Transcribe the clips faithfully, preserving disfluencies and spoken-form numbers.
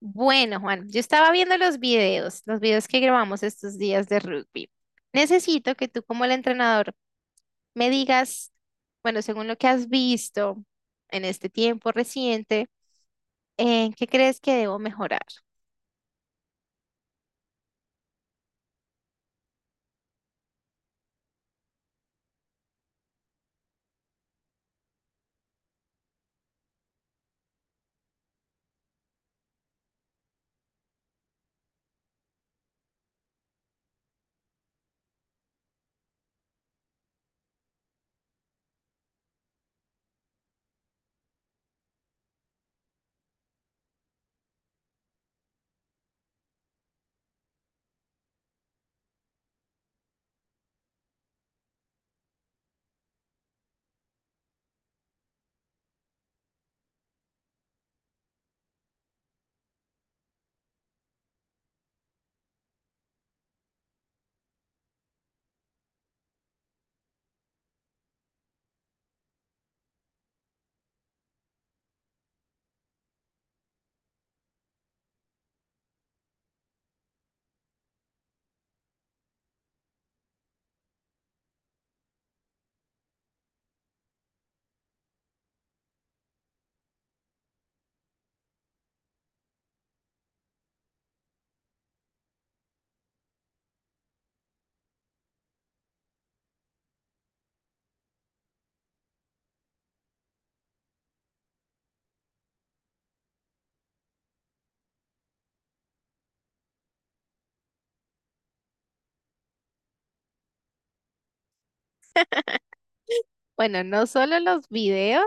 Bueno, Juan, yo estaba viendo los videos, los videos que grabamos estos días de rugby. Necesito que tú como el entrenador me digas, bueno, según lo que has visto en este tiempo reciente, eh, ¿qué crees que debo mejorar? Bueno, no solo los videos,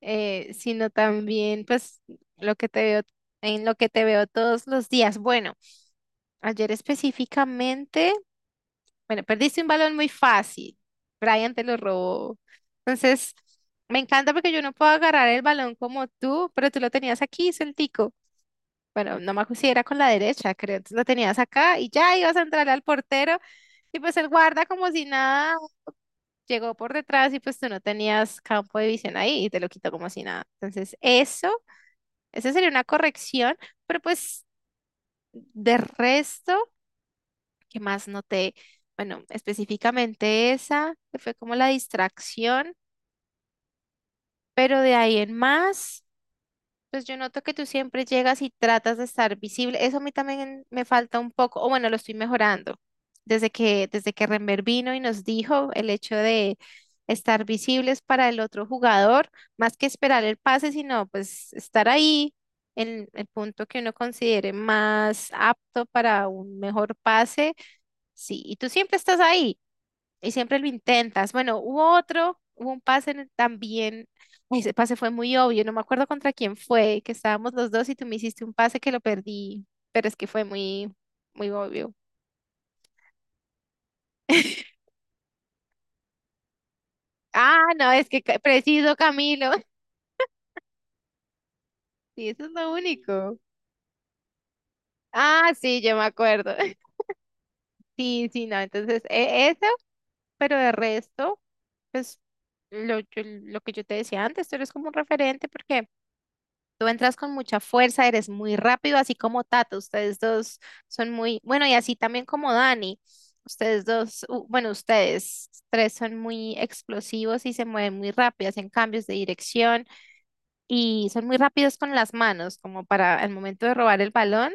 eh, sino también pues lo que te veo, en lo que te veo todos los días. Bueno, ayer específicamente, bueno, perdiste un balón muy fácil. Brian te lo robó. Entonces, me encanta porque yo no puedo agarrar el balón como tú, pero tú lo tenías aquí, sueltico. Bueno, no me acuerdo si era con la derecha, creo. Entonces lo tenías acá y ya ibas a entrar al portero y pues el guarda como si nada llegó por detrás y pues tú no tenías campo de visión ahí y te lo quitó como si nada. Entonces, eso esa sería una corrección, pero pues de resto, ¿qué más noté? Bueno, específicamente esa, que fue como la distracción, pero de ahí en más. Pues yo noto que tú siempre llegas y tratas de estar visible. Eso a mí también me falta un poco, o bueno, lo estoy mejorando. Desde que, desde que Renber vino y nos dijo el hecho de estar visibles para el otro jugador, más que esperar el pase, sino pues estar ahí en el punto que uno considere más apto para un mejor pase. Sí, y tú siempre estás ahí y siempre lo intentas. Bueno, hubo otro, hubo un pase en el- también, ay, ese pase fue muy obvio, no me acuerdo contra quién fue, que estábamos los dos y tú me hiciste un pase que lo perdí, pero es que fue muy, muy obvio. Ah, no, es que ca- preciso, Camilo. Sí, eso es lo único. Ah, sí, yo me acuerdo. Sí, sí, no, entonces e- eso, pero de resto, pues lo, yo- lo que yo te decía antes, tú eres como un referente porque tú entras con mucha fuerza, eres muy rápido, así como Tato. Ustedes dos son muy, bueno, y así también como Dani. Ustedes dos, u- bueno, ustedes tres son muy explosivos y se mueven muy rápido, hacen cambios de dirección y son muy rápidos con las manos, como para el momento de robar el balón,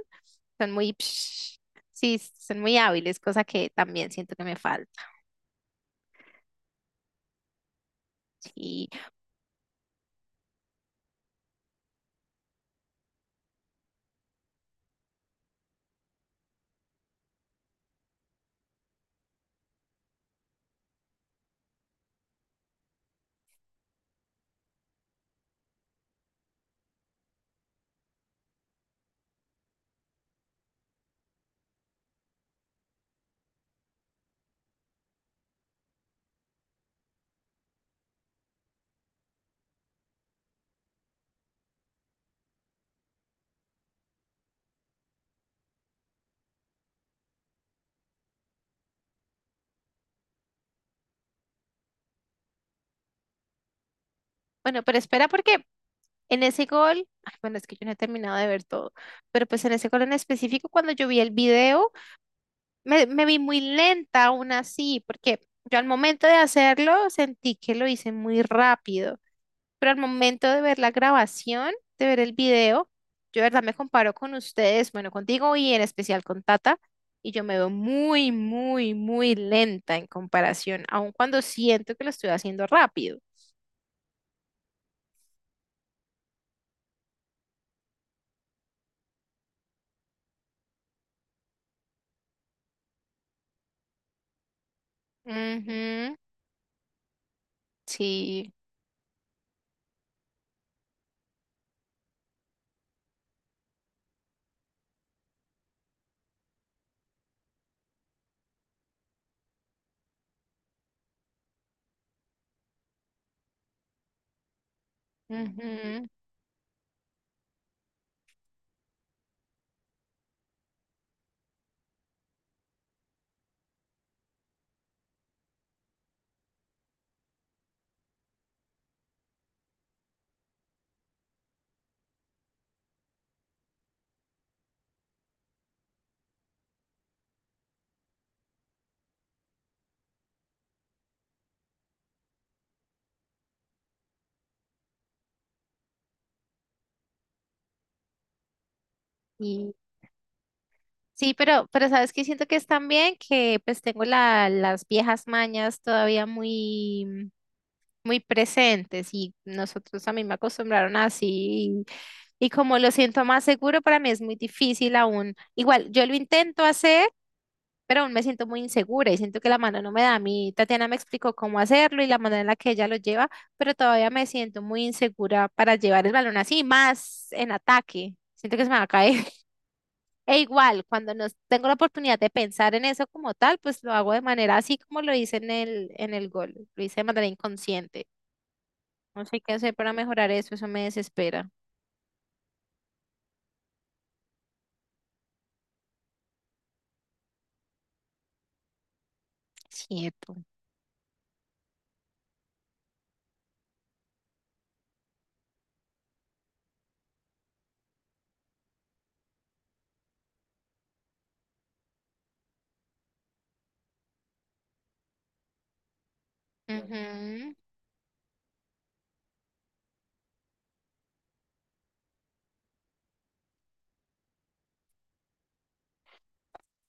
son muy, psh, sí, son muy hábiles, cosa que también siento que me falta. Y bueno, pero espera porque en ese gol, ay, bueno, es que yo no he terminado de ver todo, pero pues en ese gol en específico, cuando yo vi el video, Me, me vi muy lenta aún así, porque yo al momento de hacerlo sentí que lo hice muy rápido, pero al momento de ver la grabación, de ver el video, yo de verdad me comparo con ustedes, bueno, contigo y en especial con Tata, y yo me veo muy, muy, muy lenta en comparación, aun cuando siento que lo estoy haciendo rápido. Ujú, sí, ujú, sí, pero, pero sabes que siento que es también que pues tengo la, las viejas mañas todavía muy, muy presentes y nosotros a mí me acostumbraron así y, y como lo siento más seguro, para mí es muy difícil aún. Igual, yo lo intento hacer, pero aún me siento muy insegura y siento que la mano no me da. A mí Tatiana me explicó cómo hacerlo y la manera en la que ella lo lleva, pero todavía me siento muy insegura para llevar el balón así, más en ataque. Siento que se me va a caer. E igual, cuando nos tengo la oportunidad de pensar en eso como tal, pues lo hago de manera así como lo hice en el, en el gol, lo hice de manera inconsciente. No sé qué hacer para mejorar eso, eso me desespera. Cierto. Ujú.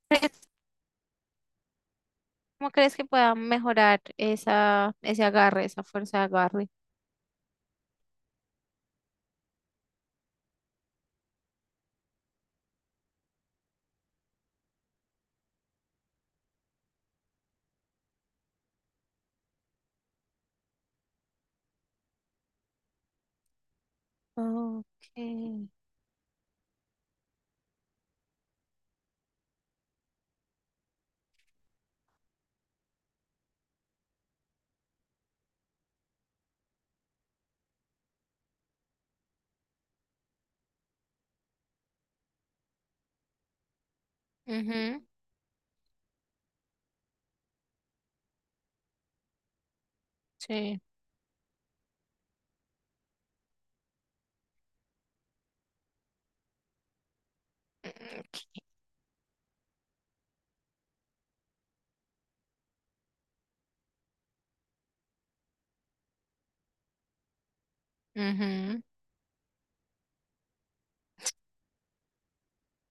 ¿Crees- ¿Cómo crees que pueda mejorar esa, ese agarre, esa fuerza de agarre? Okay. Ujú, sí. Ujú,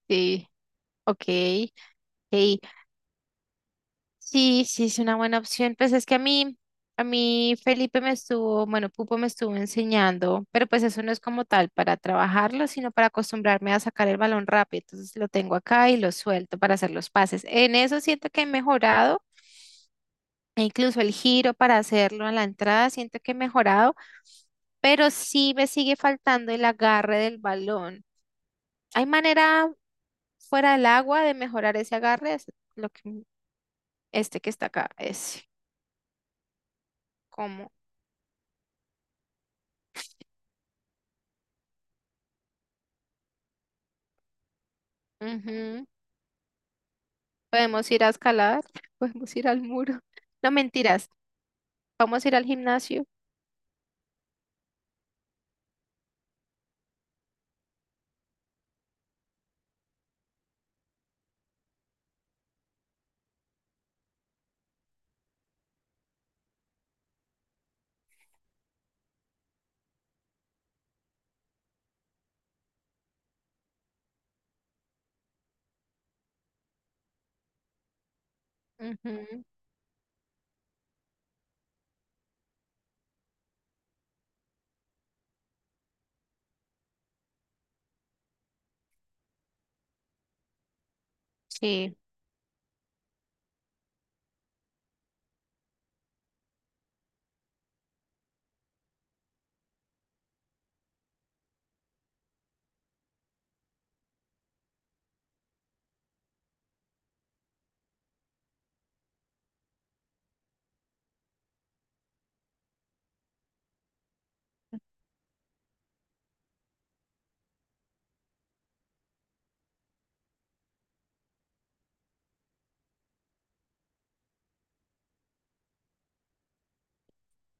sí, ok. Ok. Sí, sí, es una buena opción. Pues es que a mí, a mí Felipe me estuvo, bueno, Pupo me estuvo enseñando, pero pues eso no es como tal para trabajarlo, sino para acostumbrarme a sacar el balón rápido. Entonces lo tengo acá y lo suelto para hacer los pases. En eso siento que he mejorado, e incluso el giro para hacerlo a la entrada, siento que he mejorado, pero sí me sigue faltando el agarre del balón. ¿Hay manera fuera del agua de mejorar ese agarre? Es lo que, este que está acá, es. Ujú. Podemos ir a escalar, podemos ir al muro. No mentiras, vamos a ir al gimnasio. Ujú. Sí,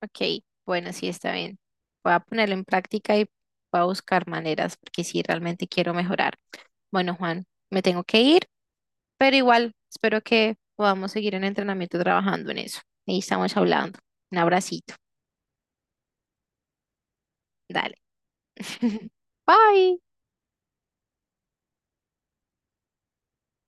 ok, bueno, sí está bien. Voy a ponerlo en práctica y voy a buscar maneras porque sí, realmente quiero mejorar. Bueno, Juan, me tengo que ir, pero igual espero que podamos seguir en entrenamiento trabajando en eso. Y estamos hablando. Un abracito. Dale. Bye.